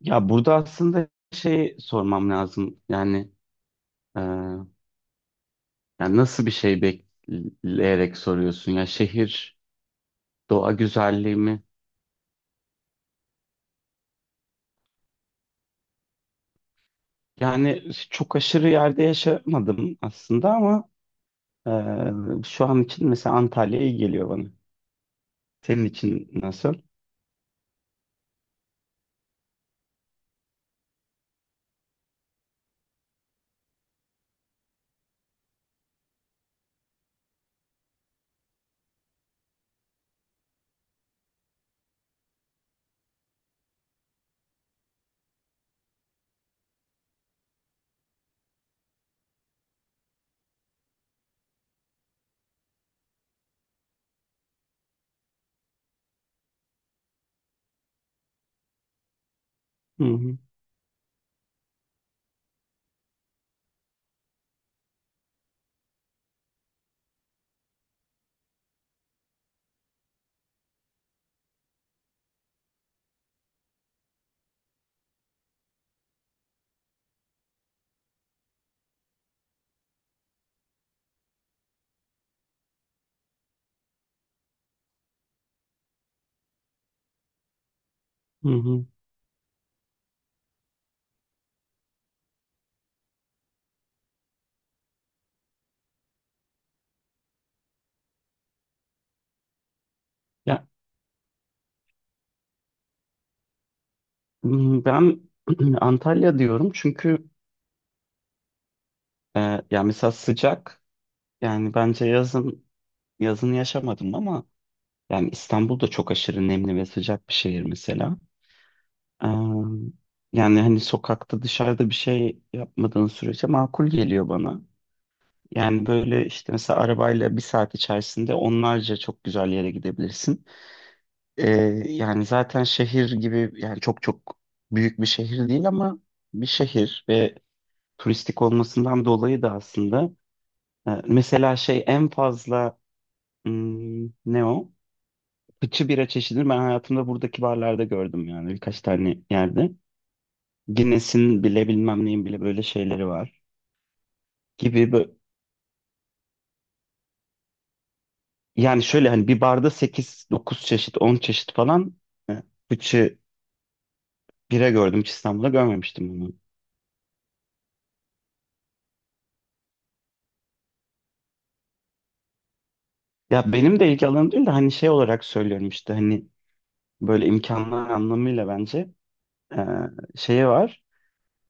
Ya burada aslında şey sormam lazım. E, yani nasıl bir şey bekleyerek soruyorsun? Ya şehir, doğa güzelliği mi? Yani çok aşırı yerde yaşamadım aslında ama şu an için mesela Antalya iyi geliyor bana. Senin için nasıl? Hı hı, hı hı. Ya ben Antalya diyorum çünkü e, ya mesela sıcak. Yani bence yazını yaşamadım ama. Yani İstanbul da çok aşırı nemli ve sıcak bir şehir mesela. Ee, yani hani sokakta dışarıda bir şey yapmadığın sürece makul geliyor bana. Yani böyle işte mesela arabayla bir saat içerisinde onlarca çok güzel yere gidebilirsin. Ee, yani zaten şehir gibi yani çok çok büyük bir şehir değil ama bir şehir ve turistik olmasından dolayı da aslında mesela şey en fazla hmm, ne o? Fıçı bira çeşidini ben hayatımda buradaki barlarda gördüm yani birkaç tane yerde. Guinness'in bile bilmem neyin bile böyle şeyleri var gibi yani şöyle hani bir barda sekiz dokuz çeşit 10 çeşit falan e, fıçı bira gördüm hiç İstanbul'da görmemiştim bunu. Ya benim de ilgi alanım değil de hani şey olarak söylüyorum işte hani böyle imkanlar anlamıyla bence e, şeyi var.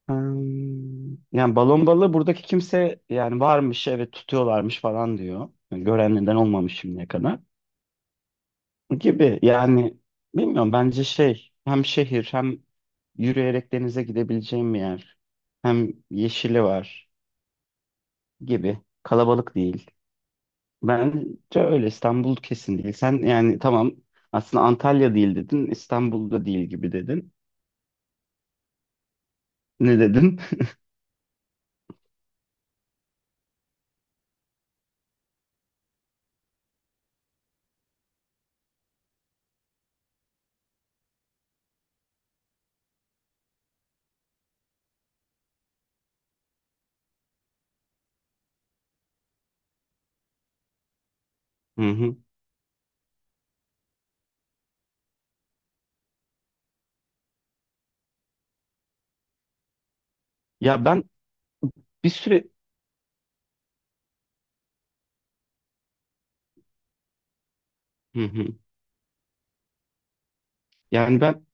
Hmm, yani balon balığı buradaki kimse yani varmış, evet, tutuyorlarmış falan diyor. Yani gören neden olmamış şimdiye kadar. Gibi yani bilmiyorum bence şey hem şehir hem yürüyerek denize gidebileceğim bir yer hem yeşili var gibi, kalabalık değil. Bence öyle İstanbul kesin değil. Sen yani tamam aslında Antalya değil dedin, İstanbul'da değil gibi dedin. Ne dedin? Hı hı. Ya ben bir süre, hı hı. Yani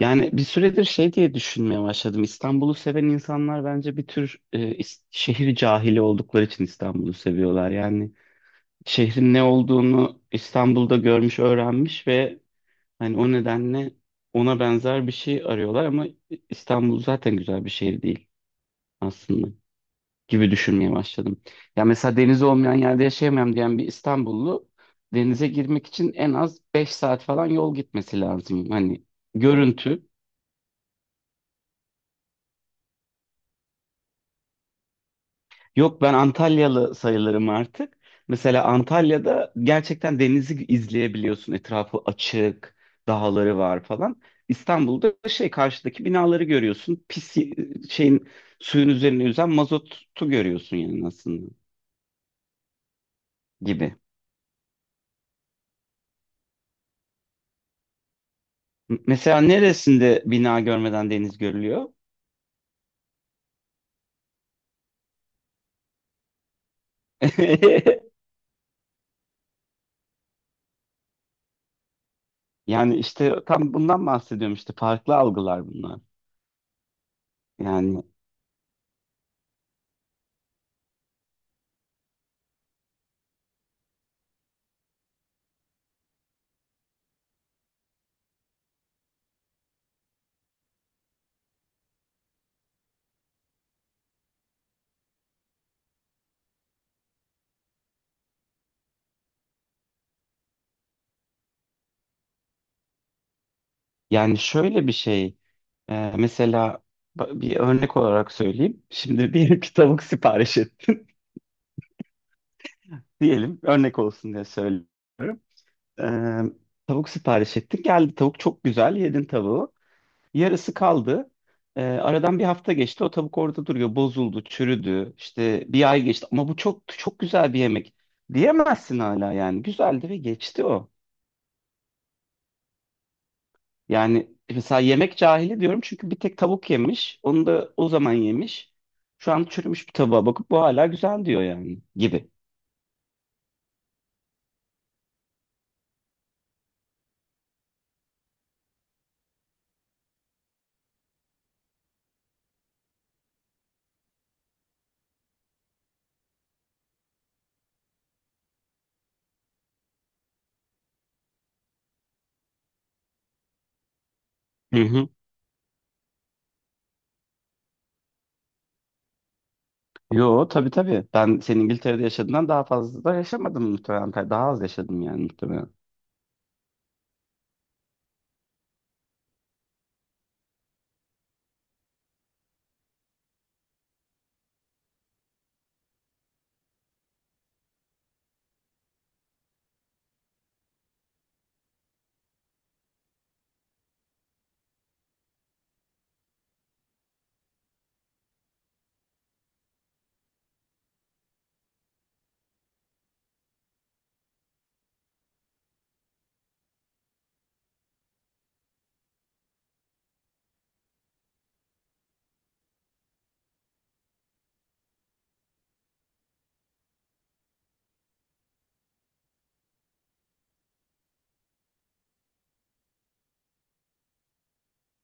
yani bir süredir şey diye düşünmeye başladım. İstanbul'u seven insanlar bence bir tür şehir cahili oldukları için İstanbul'u seviyorlar. Yani şehrin ne olduğunu İstanbul'da görmüş, öğrenmiş ve hani o nedenle ona benzer bir şey arıyorlar ama İstanbul zaten güzel bir şehir değil aslında gibi düşünmeye başladım. Ya mesela denizi olmayan yerde yaşayamam diyen bir İstanbullu denize girmek için en az 5 saat falan yol gitmesi lazım. Hani görüntü. Yok, ben Antalyalı sayılırım artık. Mesela Antalya'da gerçekten denizi izleyebiliyorsun. Etrafı açık, dağları var falan. İstanbul'da şey karşıdaki binaları görüyorsun. Şeyin suyun üzerine yüzen mazotu görüyorsun yani aslında gibi. Mesela neresinde bina görmeden deniz görülüyor? Yani işte tam bundan bahsediyorum, işte farklı algılar bunlar. Yani yani şöyle bir şey. Mesela bir örnek olarak söyleyeyim. Şimdi diyelim ki tavuk sipariş ettin. Diyelim örnek olsun diye söylüyorum. Ee, tavuk sipariş ettin. Geldi, tavuk çok güzel. Yedin tavuğu. Yarısı kaldı. Aradan bir hafta geçti. O tavuk orada duruyor. Bozuldu, çürüdü. İşte bir ay geçti. Ama bu çok çok güzel bir yemek. Diyemezsin hala yani. Güzeldi ve geçti o. Yani mesela yemek cahili diyorum çünkü bir tek tavuk yemiş. Onu da o zaman yemiş. Şu an çürümüş bir tavuğa bakıp bu hala güzel diyor yani gibi. Hı hı. Yo, tabii tabii. Ben senin İngiltere'de yaşadığından daha fazla da yaşamadım muhtemelen. Daha az yaşadım yani muhtemelen.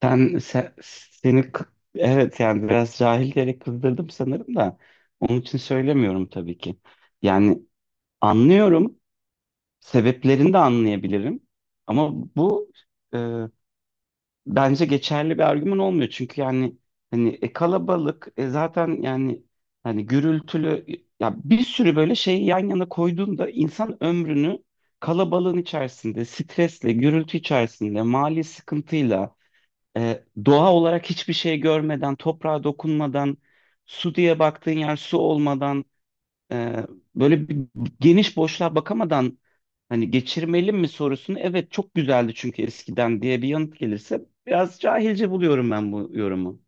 Sen, se- seni kı- evet yani biraz cahil diyerek kızdırdım sanırım da onun için söylemiyorum tabii ki. Yani anlıyorum. Sebeplerini de anlayabilirim. Ama bu bence geçerli bir argüman olmuyor. Çünkü yani hani kalabalık, zaten yani hani gürültülü, ya bir sürü böyle şeyi yan yana koyduğunda insan ömrünü kalabalığın içerisinde, stresle, gürültü içerisinde, mali sıkıntıyla, doğa olarak hiçbir şey görmeden, toprağa dokunmadan, su diye baktığın yer su olmadan, ee, böyle bir geniş boşluğa bakamadan hani geçirmeli mi sorusunu evet çok güzeldi çünkü eskiden diye bir yanıt gelirse biraz cahilce buluyorum ben bu yorumu.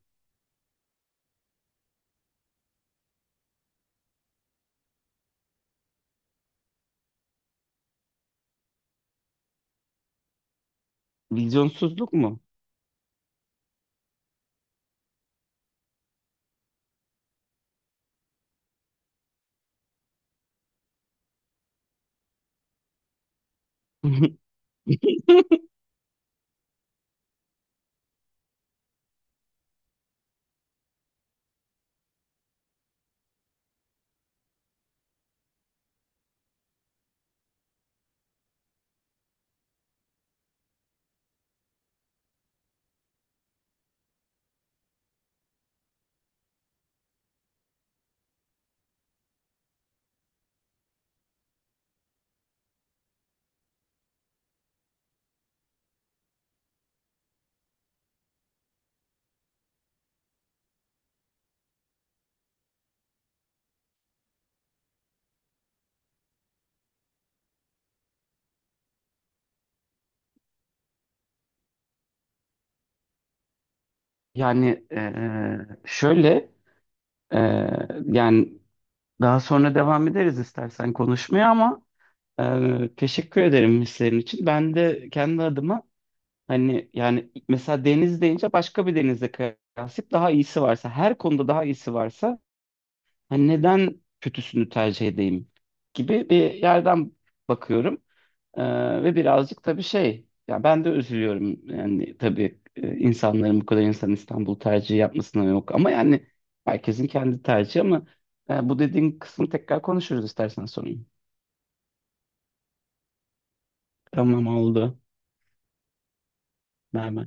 Vizyonsuzluk mu? Yani şöyle eee, yani daha sonra devam ederiz istersen konuşmaya ama teşekkür ederim hislerin için. Ben de kendi adıma hani yani mesela deniz deyince başka bir denizle kıyaslayıp daha iyisi varsa, her konuda daha iyisi varsa, hani neden kötüsünü tercih edeyim gibi bir yerden bakıyorum. Ve birazcık tabii şey, ya ben de üzülüyorum. Yani tabii insanların bu kadar insan İstanbul tercihi yapmasına, yok. Ama yani herkesin kendi tercihi ama bu dediğin kısmı tekrar konuşuruz istersen sonra. Tamam, oldu. Merhaba.